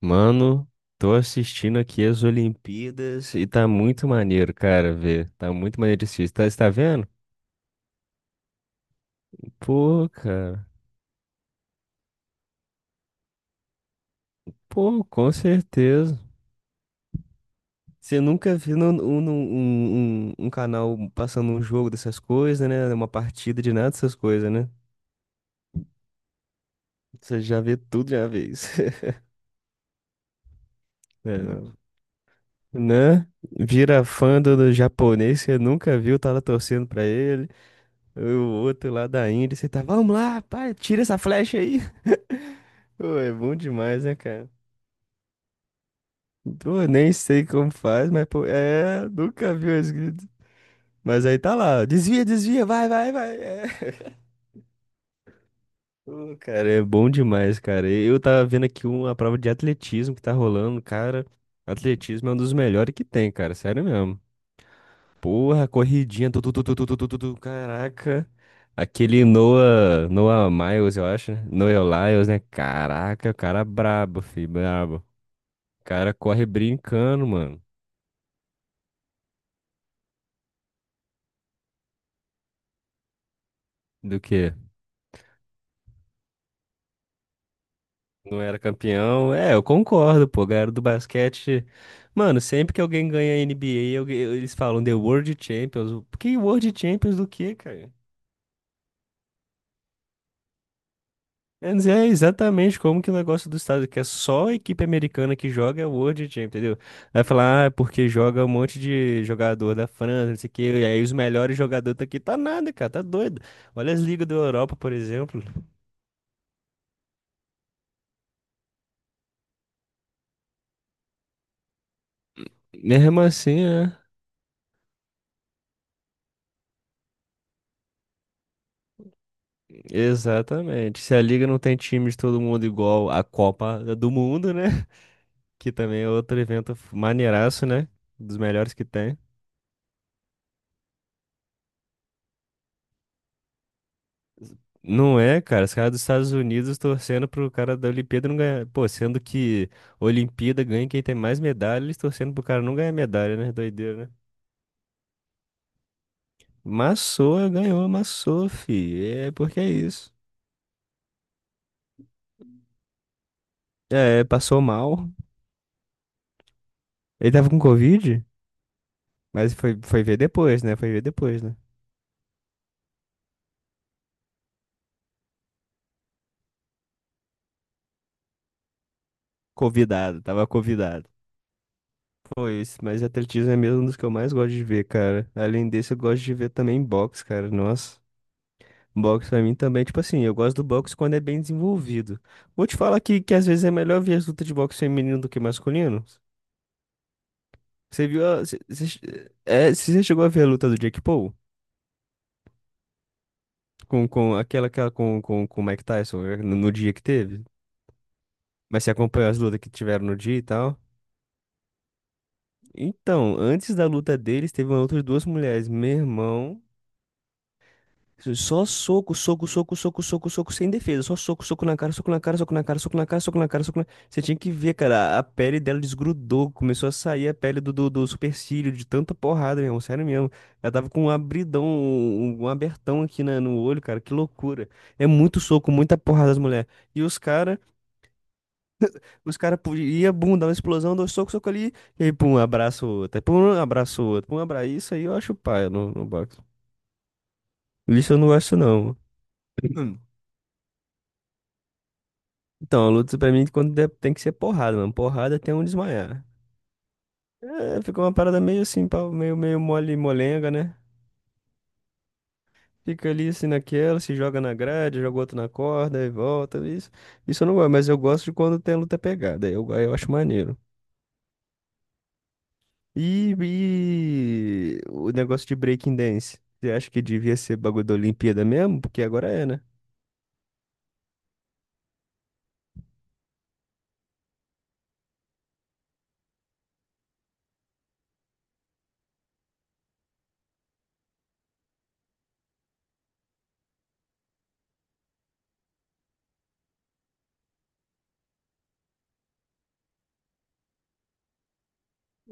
Mano, tô assistindo aqui as Olimpíadas e tá muito maneiro, cara, ver. Tá muito maneiro de assistir. Tá, você tá vendo? Pô, cara. Pô, com certeza. Você nunca viu um canal passando um jogo dessas coisas, né? Uma partida de nada dessas coisas, né? Você já vê tudo de uma vez. É, né? Vira fã do japonês, você nunca viu, tá lá torcendo pra ele. O outro lá da Índia, você tá, vamos lá, pai, tira essa flecha aí. Pô, é bom demais, né, cara? Pô, nem sei como faz, mas, pô, é, nunca vi esse grito. Mas aí tá lá, ó, desvia, desvia, vai, vai, vai. É. Pô, cara, é bom demais, cara. Eu tava vendo aqui uma prova de atletismo que tá rolando, cara. Atletismo é um dos melhores que tem, cara, sério mesmo. Porra, corridinha, tu, tu, tu, tu, tu, tu, tu, tu, tu, caraca. Aquele Noah Miles, eu acho, né? Noah Lyles, né? Caraca, o cara brabo, fi, brabo. O cara corre brincando, mano. Do quê? Não era campeão? É, eu concordo, pô, galera do basquete. Mano, sempre que alguém ganha NBA, alguém- eles falam The World Champions. Que World Champions do quê, cara? Quer dizer, é exatamente como que o negócio do estado, que é só a equipe americana que joga é o World Champions, entendeu? Vai falar, ah, é porque joga um monte de jogador da França, não sei o quê, e aí os melhores jogadores tá aqui, tá nada, cara, tá doido. Olha as ligas da Europa, por exemplo. Mesmo assim, né? Exatamente. Se a liga não tem time de todo mundo igual a Copa do Mundo, né? Que também é outro evento maneiraço, né? Dos melhores que tem. Não é, cara. Os caras dos Estados Unidos torcendo pro cara da Olimpíada não ganhar. Pô, sendo que Olimpíada ganha quem tem mais medalha, eles torcendo pro cara não ganhar medalha, né? Doideira, né? Massou, ganhou, amassou, fi. É porque é isso. É, passou mal. Ele tava com Covid, mas foi, foi ver depois, né? Foi ver depois, né? Convidado, tava convidado. Foi isso, mas atletismo é mesmo um dos que eu mais gosto de ver, cara. Além desse, eu gosto de ver também boxe, cara. Nossa. Box pra mim também, tipo assim, eu gosto do box quando é bem desenvolvido. Vou te falar que às vezes é melhor ver as lutas de boxe feminino do que masculino. Você viu a, cê- cê che- é, se você chegou a ver a luta do Jake Paul com aquela, aquela com o Mike Tyson no, no dia que teve? Mas você acompanhou as lutas que tiveram no dia e tal? Então, antes da luta deles, teve uma luta de duas mulheres. Meu irmão. Só soco, soco, soco, soco, soco, soco, sem defesa. Só soco, soco na cara, soco na cara, soco na cara, soco na cara, soco na cara, soco na... cara. Você tinha que ver, cara, a pele dela desgrudou, começou a sair a pele do supercílio, de tanta porrada, meu irmão, sério mesmo. Ela tava com um abridão, um abertão aqui na, no olho, cara, que loucura. É muito soco, muita porrada das mulheres. E os cara, pu- ia, bum, dá uma explosão, dois socos, soco ali, e aí, pum, abraço outro, aí, pum, abraço outro, pum, abraço. Isso aí eu acho paia no boxe. Isso eu não gosto, não. Então, a luta pra mim quando der- tem que ser porrada, mano. Porrada até um desmaiar. É, fica uma parada meio assim, pau- meio, meio mole molenga, né? Fica ali assim naquela, se joga na grade, joga outro na corda e volta. Isso, isso eu não gosto, mas eu gosto de quando tem luta pegada. Aí Eu, aí eu acho maneiro. E o negócio de breaking dance? Você acha que devia ser bagulho da Olimpíada mesmo? Porque agora é, né?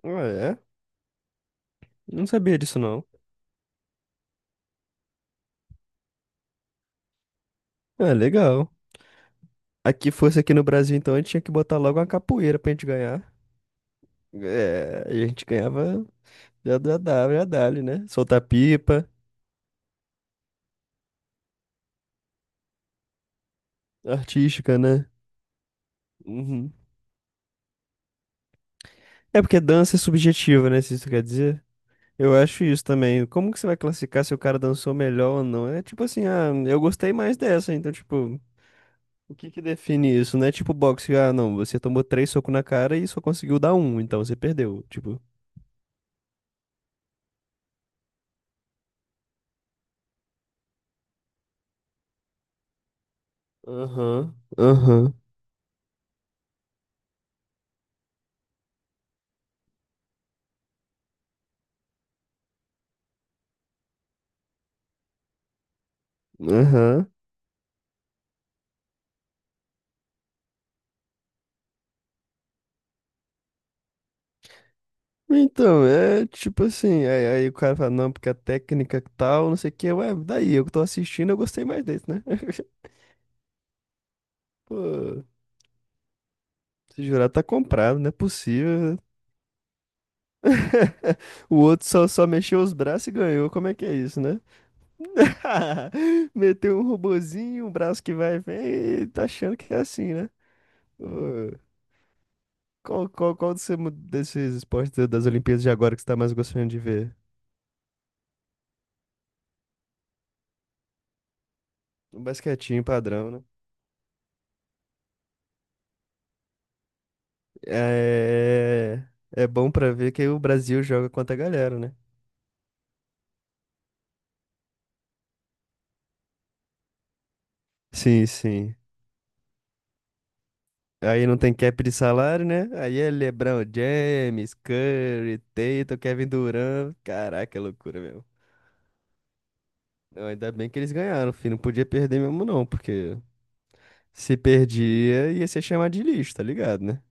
Ah, é? Não sabia disso, não. Ah, legal. Aqui fosse aqui no Brasil, então, a gente tinha que botar logo uma capoeira pra gente ganhar. É, e a gente ganhava já da W já dali, né? Soltar pipa, artística, né? Uhum. É porque dança é subjetiva, né? Se isso quer dizer. Eu acho isso também. Como que você vai classificar se o cara dançou melhor ou não? É tipo assim, ah, eu gostei mais dessa, então, tipo, o que que define isso? Não é tipo boxe, ah, não, você tomou três socos na cara e só conseguiu dar um, então você perdeu. Tipo. Aham, aham, aham. Então, é tipo assim, aí, aí o cara fala, não, porque a técnica que tal, não sei o que, ué, daí, eu que tô assistindo, eu gostei mais desse, né? Pô, se jurar tá comprado, não é possível. O outro só, só mexeu os braços e ganhou, como é que é isso, né? Meteu um robozinho, um braço que vai e vem, e tá achando que é assim, né? Pô, qual, qual, qual desse- desses esportes da- das Olimpíadas de agora que você tá mais gostando de ver? Um basquetinho padrão, né? É, é bom pra ver que o Brasil joga contra a galera, né? Sim, sim. Aí não tem cap de salário, né? Aí é LeBron James, Curry, Tatum, Kevin Durant. Caraca, é loucura mesmo. Não, ainda bem que eles ganharam, filho. Não podia perder mesmo, não, porque se perdia ia ser chamado de lixo, tá ligado, né?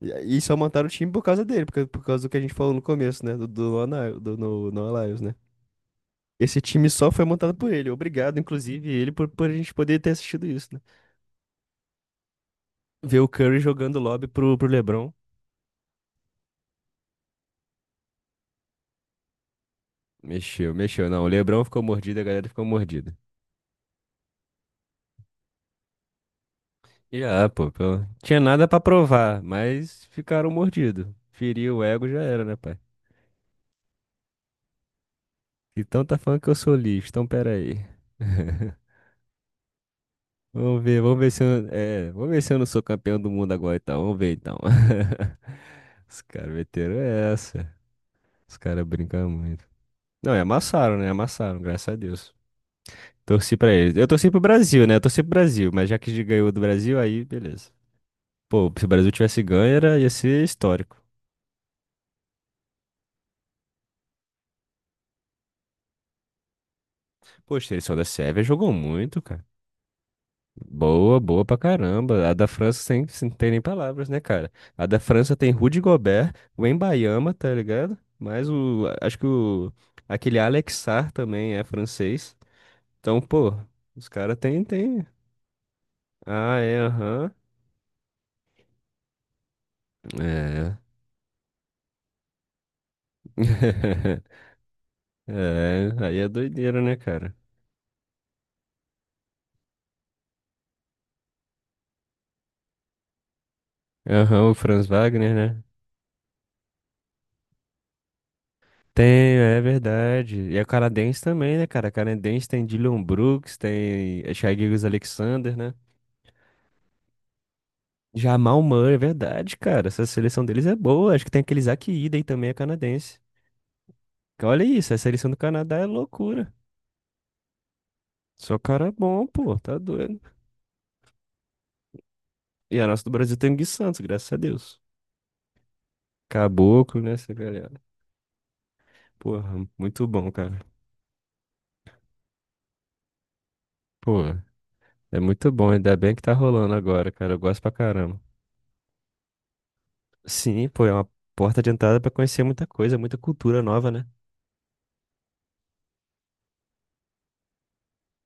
E só montaram o time por causa dele, porque- por causa do que a gente falou no começo, né? Lona- do no Lions, né? Esse time só foi montado por ele. Obrigado, inclusive, ele, por a gente poder ter assistido isso, né? Ver o Curry jogando lobby pro LeBron. Mexeu, mexeu. Não, o LeBron ficou mordido, a galera ficou mordida. Já, pô, pô. Tinha nada pra provar, mas ficaram mordidos. Feriu o ego, já era, né, pai? Então tá falando que eu sou lixo, então pera aí. Vamos ver se eu, é, vamos ver se eu não sou campeão do mundo agora, então. Vamos ver, então. Os caras meteram essa. Os caras brincam muito. Não, e amassaram, né? Amassaram, graças a Deus. Torci pra eles. Eu torci pro Brasil, né? Eu torci pro Brasil, mas já que ganhou do Brasil, aí beleza. Pô, se o Brasil tivesse ganho, era, ia ser histórico. Poxa, a seleção da Sérvia jogou muito, cara. Boa, boa pra caramba. A da França sem, sem tem nem palavras, né, cara? A da França tem Rudy Gobert, o Embayama, tá ligado? Mas o. Acho que o. Aquele Alex Sarr também é francês. Então, pô, os caras tem, tem. Ah, é, aham. É. É, aí é doideira, né, cara? Aham, o Franz Wagner, né? Tem, é verdade. E a canadense também, né, cara? A canadense tem Dylan Brooks, tem Shai Gilgeous-Alexander, né? Jamal Murray, é verdade, cara. Essa seleção deles é boa. Acho que tem aquele Zach Ida aí também, é canadense. Olha isso, a seleção do Canadá é loucura. Só cara bom, pô, tá doido. E a nossa do Brasil tem o Gui Santos, graças a Deus. Caboclo, né, essa galera. Porra, muito bom, cara. Pô, é muito bom. Ainda bem que tá rolando agora, cara. Eu gosto pra caramba. Sim, pô, é uma porta de entrada pra conhecer muita coisa, muita cultura nova, né?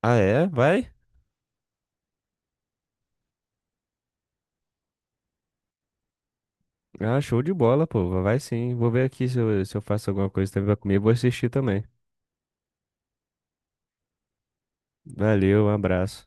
Ah, é? Vai? Ah, show de bola, pô. Vai sim. Vou ver aqui se eu faço alguma coisa também pra comer. Vou assistir também. Valeu, um abraço.